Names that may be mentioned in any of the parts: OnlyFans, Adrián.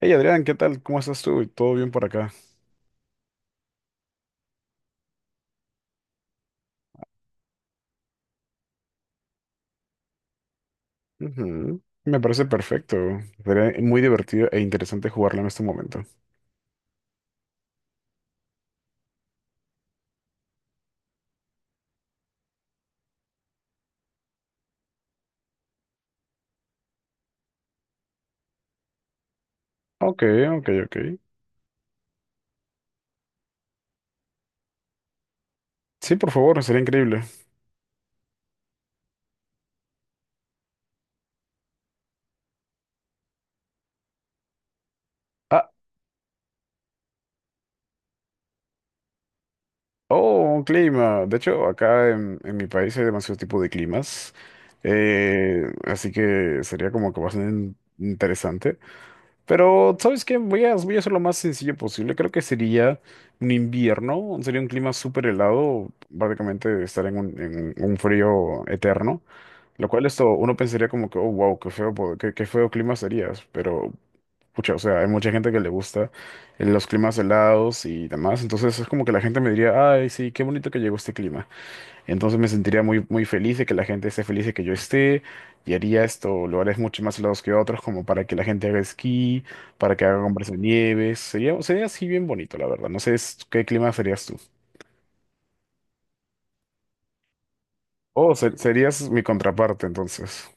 Hey Adrián, ¿qué tal? ¿Cómo estás tú? ¿Todo bien por acá? Ujú. Me parece perfecto. Sería muy divertido e interesante jugarlo en este momento. Ok, ok, ok. Sí, por favor, sería increíble. Ah, oh, un clima. De hecho, acá en mi país hay demasiado tipo de climas. Así que sería como que bastante interesante. Pero, ¿sabes qué? Voy a hacer lo más sencillo posible. Creo que sería un invierno. Sería un clima súper helado. Prácticamente estar en un frío eterno. Lo cual esto, uno pensaría como que, oh, wow, qué feo, qué feo clima serías, pero, pucha, o sea, hay mucha gente que le gusta los climas helados y demás, entonces es como que la gente me diría, ay, sí, qué bonito que llegó este clima. Entonces me sentiría muy, muy feliz de que la gente esté feliz de que yo esté, y haría esto, lugares mucho más helados que otros, como para que la gente haga esquí, para que haga hombres de nieves, sería, sería así bien bonito, la verdad, no sé qué clima serías tú. Oh, serías mi contraparte, entonces.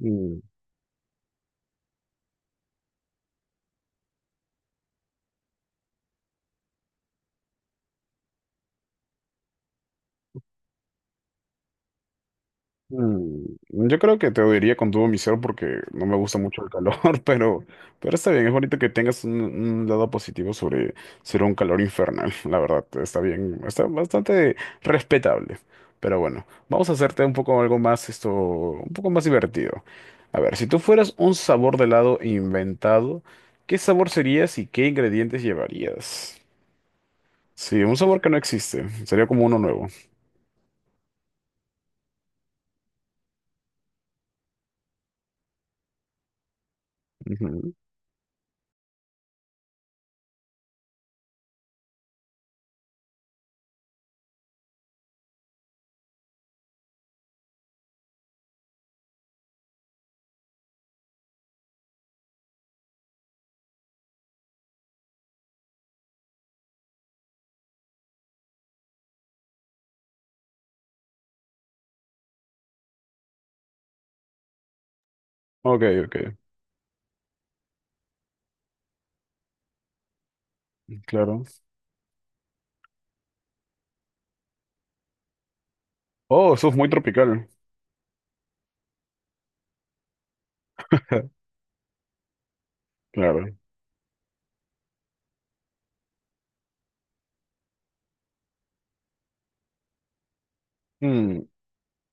Ujú. Mm, yo creo que te odiaría con todo mi ser porque no me gusta mucho el calor, pero, pero está bien, es bonito que tengas un lado positivo sobre ser un calor infernal, la verdad, está bien, está bastante respetable. Pero bueno, vamos a hacerte un poco algo más, esto, un poco más divertido. A ver, si tú fueras un sabor de helado inventado, ¿qué sabor serías y qué ingredientes llevarías? Sí, un sabor que no existe, sería como uno nuevo. Ujú. Ok, ok, claro. Oh, eso es muy tropical. Claro. Mm,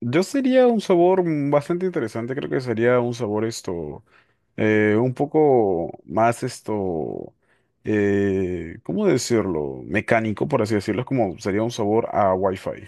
yo sería un sabor mm, bastante interesante, creo que sería un sabor esto, un poco más esto, ¿cómo decirlo? Mecánico, por así decirlo, es como sería un sabor a Wi-Fi.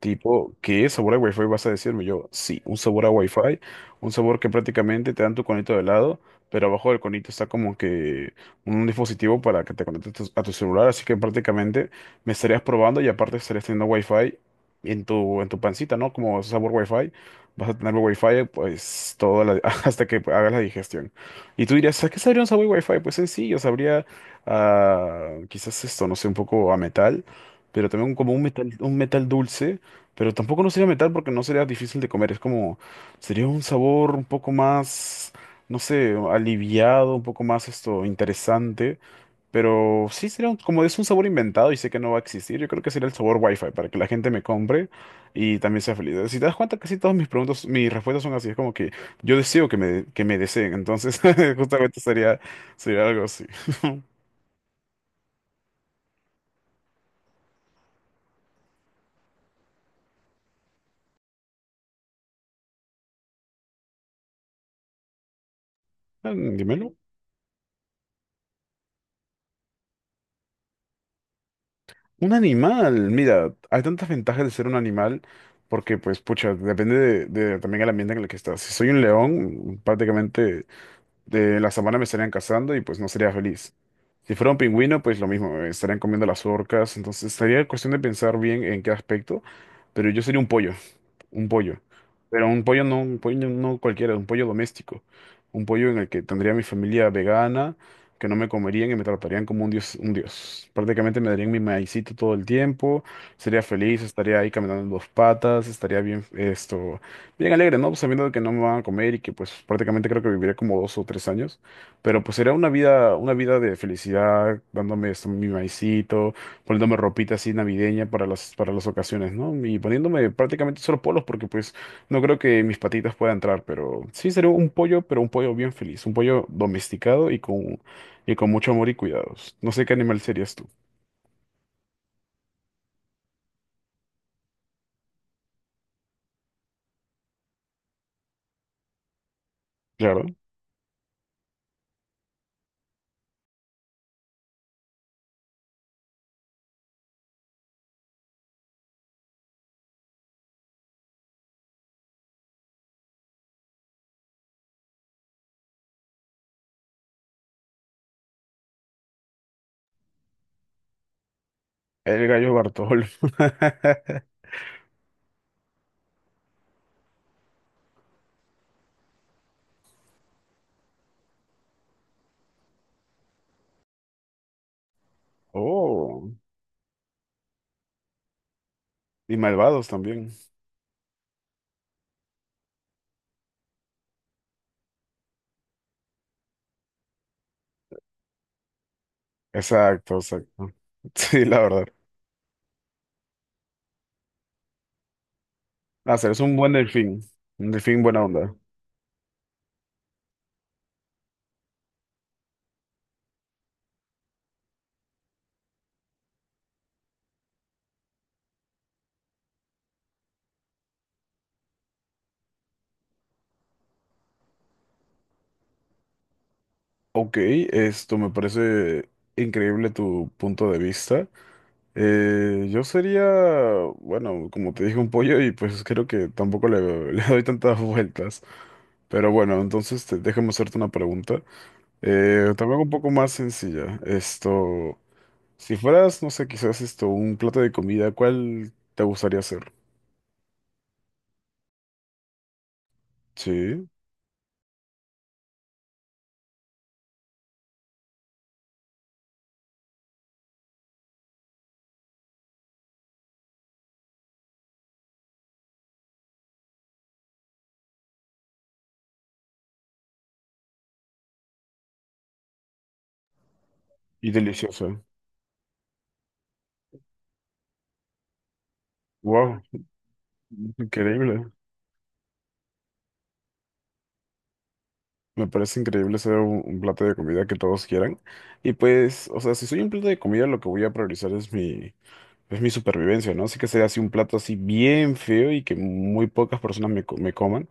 Tipo, ¿qué sabor a Wi-Fi vas a decirme? Yo, sí, un sabor a Wi-Fi, un sabor que prácticamente te dan tu conito de lado, pero abajo del conito está como que un dispositivo para que te conectes a tu celular, así que prácticamente me estarías probando y aparte estarías teniendo Wi-Fi en tu pancita, ¿no? Como sabor Wi-Fi, vas a tener Wi-Fi pues toda hasta que hagas la digestión. Y tú dirías, ¿a qué sabría un sabor Wi-Fi? Pues sencillo, sabría quizás esto, no sé, un poco a metal pero también como un metal dulce pero tampoco no sería metal porque no sería difícil de comer. Es como, sería un sabor un poco más, no sé, aliviado, un poco más esto, interesante. Pero sí sería como es un sabor inventado y sé que no va a existir, yo creo que sería el sabor Wi-Fi para que la gente me compre y también sea feliz. Si te das cuenta, casi todas mis preguntas, mis respuestas son así. Es como que yo deseo que que me deseen. Entonces, justamente sería, sería algo así. Mm, dímelo. Un animal, mira, hay tantas ventajas de ser un animal porque, pues, pucha, depende de también el ambiente en el que estás. Si soy un león, prácticamente de la sabana me estarían cazando y pues no sería feliz. Si fuera un pingüino, pues lo mismo, me estarían comiendo las orcas. Entonces, sería cuestión de pensar bien en qué aspecto, pero yo sería un pollo un pollo. Pero un pollo no cualquiera, un pollo doméstico. Un pollo en el que tendría mi familia vegana, que no me comerían y me tratarían como un dios, un dios. Prácticamente me darían mi maicito todo el tiempo, sería feliz, estaría ahí caminando en dos patas, estaría bien, esto, bien alegre, ¿no? Sabiendo que no me van a comer y que pues prácticamente creo que viviré como dos o tres años. Pero pues sería una vida de felicidad, dándome esto, mi maicito poniéndome ropita así navideña para para las ocasiones, ¿no? Y poniéndome prácticamente solo polos porque pues no creo que mis patitas puedan entrar, pero sí sería un pollo, pero un pollo bien feliz, un pollo domesticado y con mucho amor y cuidados. No sé qué animal serías tú. Claro, el gallo Bartolo. Oh, y malvados también. Exacto, exacto. Sí, la verdad. Ah, sí, es un buen delfín, un delfín buena onda. Ok, esto me parece increíble tu punto de vista. Yo sería, bueno, como te dije, un pollo y pues creo que tampoco le doy tantas vueltas. Pero bueno, entonces te, déjame hacerte una pregunta. También un poco más sencilla. Esto, si fueras, no sé, quizás esto, un plato de comida, ¿cuál te gustaría hacer? Sí, y deliciosa. Wow, increíble. Me parece increíble ser un plato de comida que todos quieran. Y pues, o sea, si soy un plato de comida, lo que voy a priorizar es mi... Es mi supervivencia, ¿no? Así que sería así un plato así bien feo y que muy pocas personas me coman.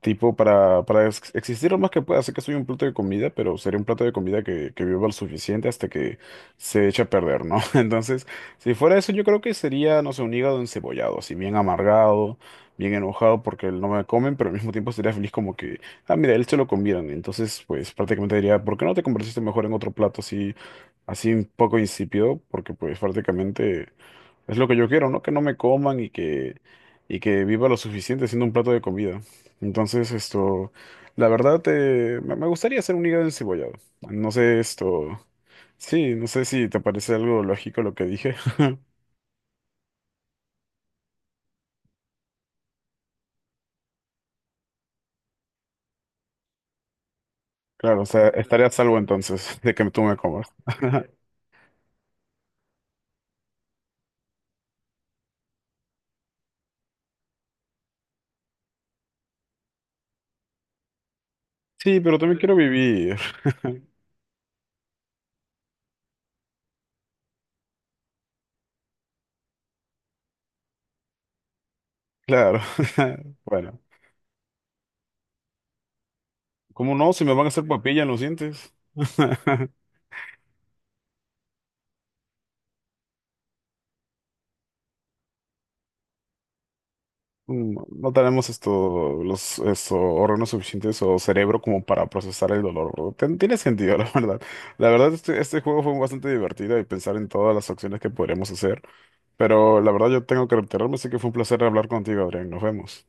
Tipo, para existir lo más que pueda. Sé que soy un plato de comida, pero sería un plato de comida que viva lo suficiente hasta que se eche a perder, ¿no? Entonces, si fuera eso, yo creo que sería, no sé, un hígado encebollado, así bien amargado, bien enojado porque no me comen, pero al mismo tiempo sería feliz como que, ah, mira, él se lo comieron. Entonces, pues prácticamente diría, ¿por qué no te convertiste mejor en otro plato así, así un poco insípido? Porque pues prácticamente... Es lo que yo quiero, ¿no? Que no me coman y que viva lo suficiente siendo un plato de comida. Entonces, esto, la verdad, me gustaría hacer un hígado encebollado. No sé esto, sí, no sé si te parece algo lógico lo que dije. Claro, o sea, estaré a salvo entonces de que tú me comas. Sí, pero también quiero vivir, claro. Bueno, ¿cómo no? Si me van a hacer papilla en los dientes. No, no tenemos esto, los esto, órganos suficientes o cerebro como para procesar el dolor. Tiene sentido, la verdad. La verdad, este juego fue bastante divertido y pensar en todas las acciones que podríamos hacer. Pero la verdad, yo tengo que retirarme, así que fue un placer hablar contigo, Adrián. Nos vemos.